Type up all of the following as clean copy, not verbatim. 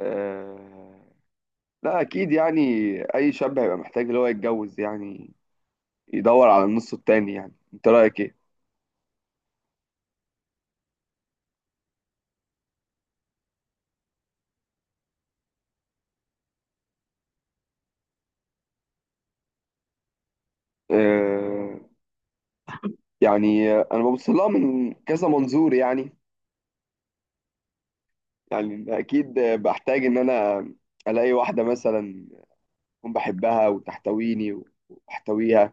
آه، لا اكيد يعني اي شاب هيبقى محتاج اللي هو يتجوز يعني يدور على النص التاني يعني انت رايك ايه. آه، يعني انا ببص لها من كذا منظور يعني. يعني اكيد بحتاج ان انا الاقي واحده مثلا اكون بحبها وتحتويني واحتويها.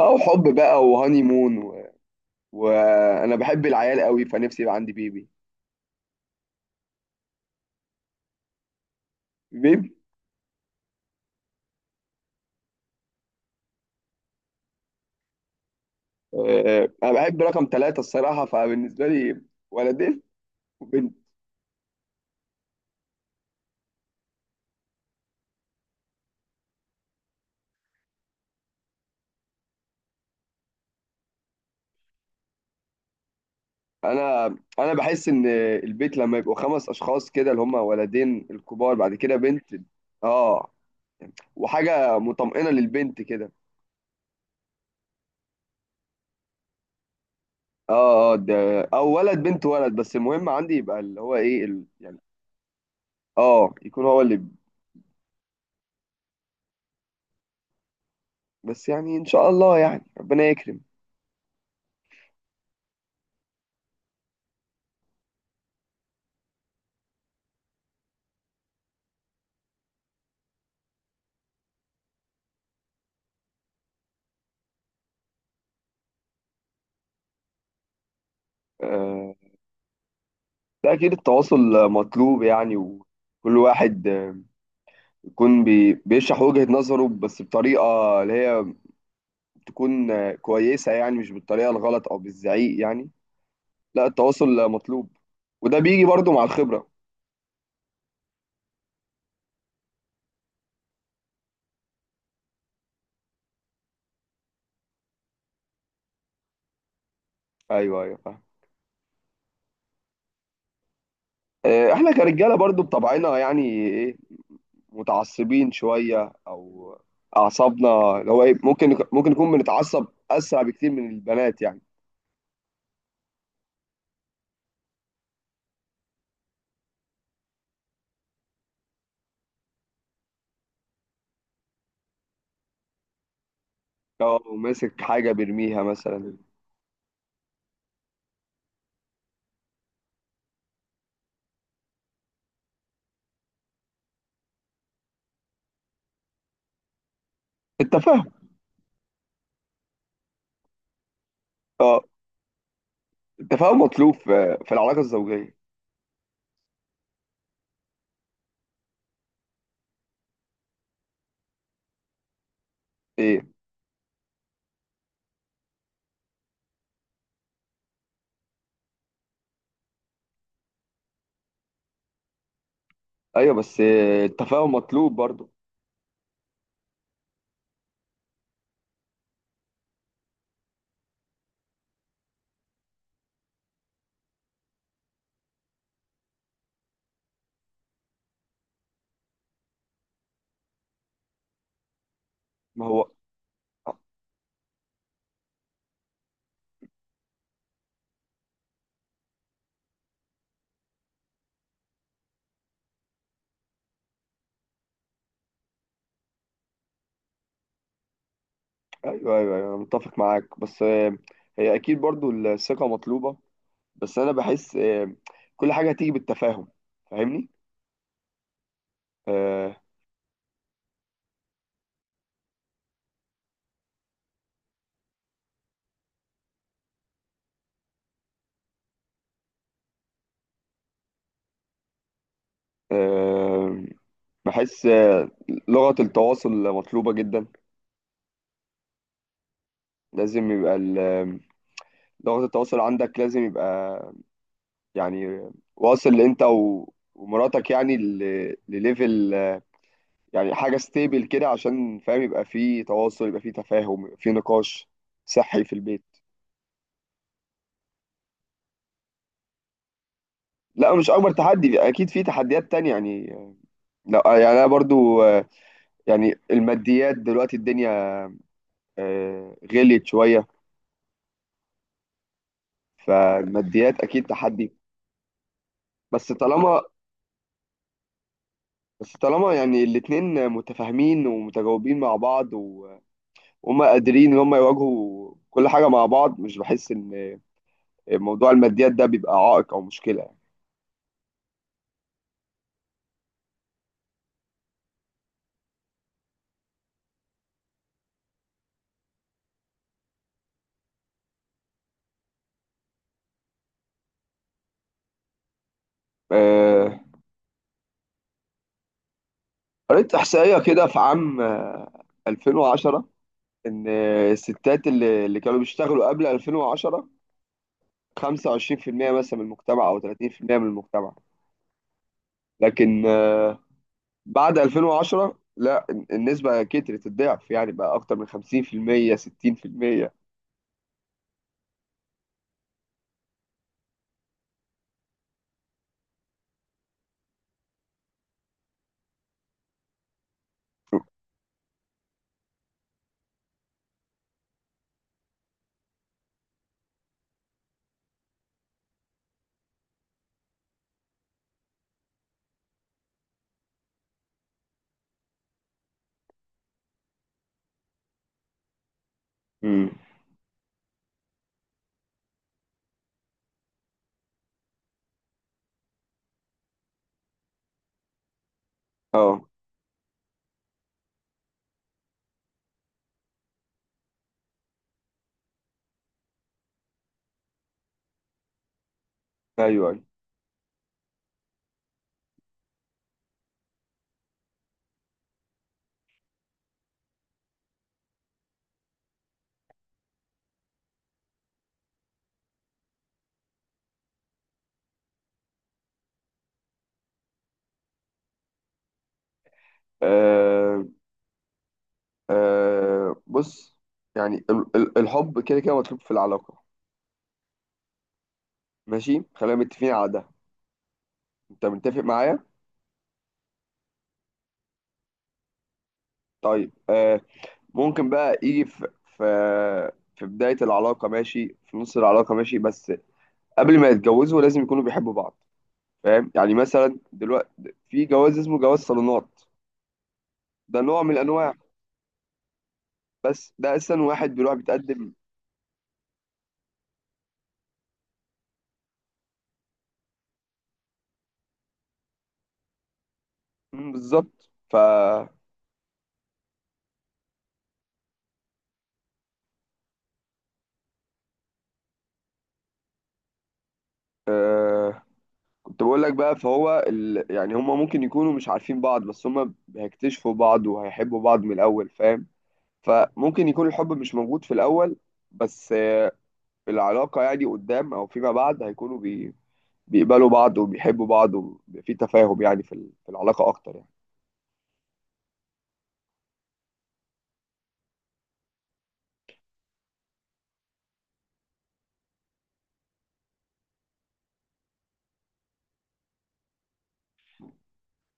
او حب بقى وهاني مون وانا بحب العيال قوي فنفسي يبقى عندي بيبي. بيبي. انا بحب رقم ثلاثة الصراحه فبالنسبه لي ولدين وبنت. انا انا بحس ان البيت لما يبقوا خمس اشخاص كده اللي هم ولدين الكبار بعد كده بنت. اه، وحاجه مطمئنه للبنت كده. اه، اه، ده او ولد بنت ولد بس المهم عندي يبقى اللي هو ايه يعني. اه، يكون هو اللي بس يعني ان شاء الله يعني ربنا يكرم. آه ده اكيد التواصل مطلوب يعني، وكل واحد يكون بيشرح وجهة نظره بس بطريقه اللي هي تكون كويسه، يعني مش بالطريقه الغلط او بالزعيق يعني. لا، التواصل مطلوب، وده بيجي برضو مع الخبرة. ايوه، ايوه، فاهم. احنا كرجالة برضو بطبعنا يعني، ايه، متعصبين شوية او اعصابنا، اللي هو ايه، ممكن نكون بنتعصب اسرع بكتير من البنات يعني. لو ماسك حاجة بيرميها مثلا. التفاهم. اه، التفاهم مطلوب في العلاقة الزوجية. ايه. ايوه بس التفاهم مطلوب برضو. ما هو. ايوه، ايوه، ايوه، انا متفق معاك، بس هي اكيد برضو الثقة مطلوبة. بس انا بحس كل حاجه هتيجي بالتفاهم، فاهمني. آه، آه، بحس لغه التواصل مطلوبه جدا. لازم يبقى لغه التواصل عندك لازم يبقى يعني واصل انت ومراتك يعني لليفل يعني حاجه ستيبل كده عشان فاهم يبقى في تواصل يبقى في تفاهم يبقى في نقاش صحي في البيت. لا، مش اكبر تحدي، اكيد في تحديات تانية يعني. لا يعني انا برضو يعني الماديات دلوقتي الدنيا غليت شويه، فالماديات اكيد تحدي. بس طالما بس طالما يعني الاتنين متفاهمين ومتجاوبين مع بعض وهم قادرين ان هم يواجهوا كل حاجه مع بعض مش بحس ان موضوع الماديات ده بيبقى عائق او مشكله يعني. آه، قريت احصائيه كده في عام 2010 ان الستات اللي كانوا بيشتغلوا قبل 2010، 25% مثلا من المجتمع او 30% من المجتمع. لكن بعد 2010 لا، النسبة كترت الضعف يعني بقى أكتر من 50% 60%. امم، اه، ايوه، ايوه، آه، آه، بص يعني الحب كده كده مطلوب في العلاقه. ماشي خلينا متفقين على ده، انت متفق معايا. طيب، ممكن بقى يجي في في بدايه العلاقه، ماشي، في نص العلاقه ماشي، بس قبل ما يتجوزوا لازم يكونوا بيحبوا بعض. فاهم يعني مثلا دلوقتي في جواز اسمه جواز صالونات، ده نوع من انواع. بس ده اصلا واحد بيروح بيتقدم. مم، بالظبط، آه كنت بقول لك بقى فهو يعني هما ممكن يكونوا مش عارفين بعض بس هما هيكتشفوا بعض وهيحبوا بعض من الاول فاهم. فممكن يكون الحب مش موجود في الاول، بس العلاقة يعني قدام او فيما بعد هيكونوا بيقبلوا بعض وبيحبوا بعض وبيبقى في تفاهم يعني في العلاقة اكتر يعني.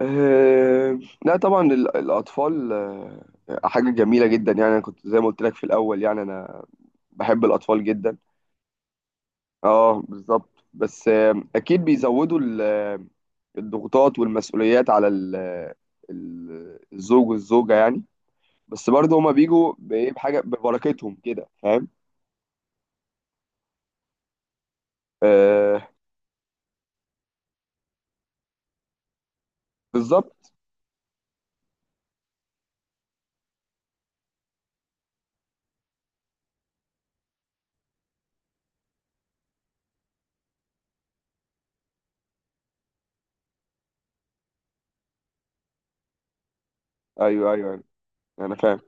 آه لا طبعا الاطفال حاجة جميلة جدا يعني، أنا كنت زي ما قلت لك في الأول، يعني أنا بحب الأطفال جدا. اه بالظبط، بس أكيد بيزودوا الضغوطات والمسؤوليات على الزوج والزوجة يعني. بس برضه هما بيجوا بإيه، بحاجة ببركتهم كده فاهم. آه بالظبط. أيوه، أيوه، أيوه، أنا فاهم.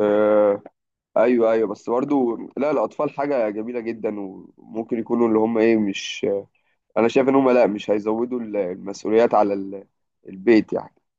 آه أيوه، أيوه، بس برضه لا، الأطفال حاجة جميلة جدا وممكن يكونوا اللي هما إيه مش، أنا شايف إن هما لا مش هيزودوا المسؤوليات على ال- البيت يعني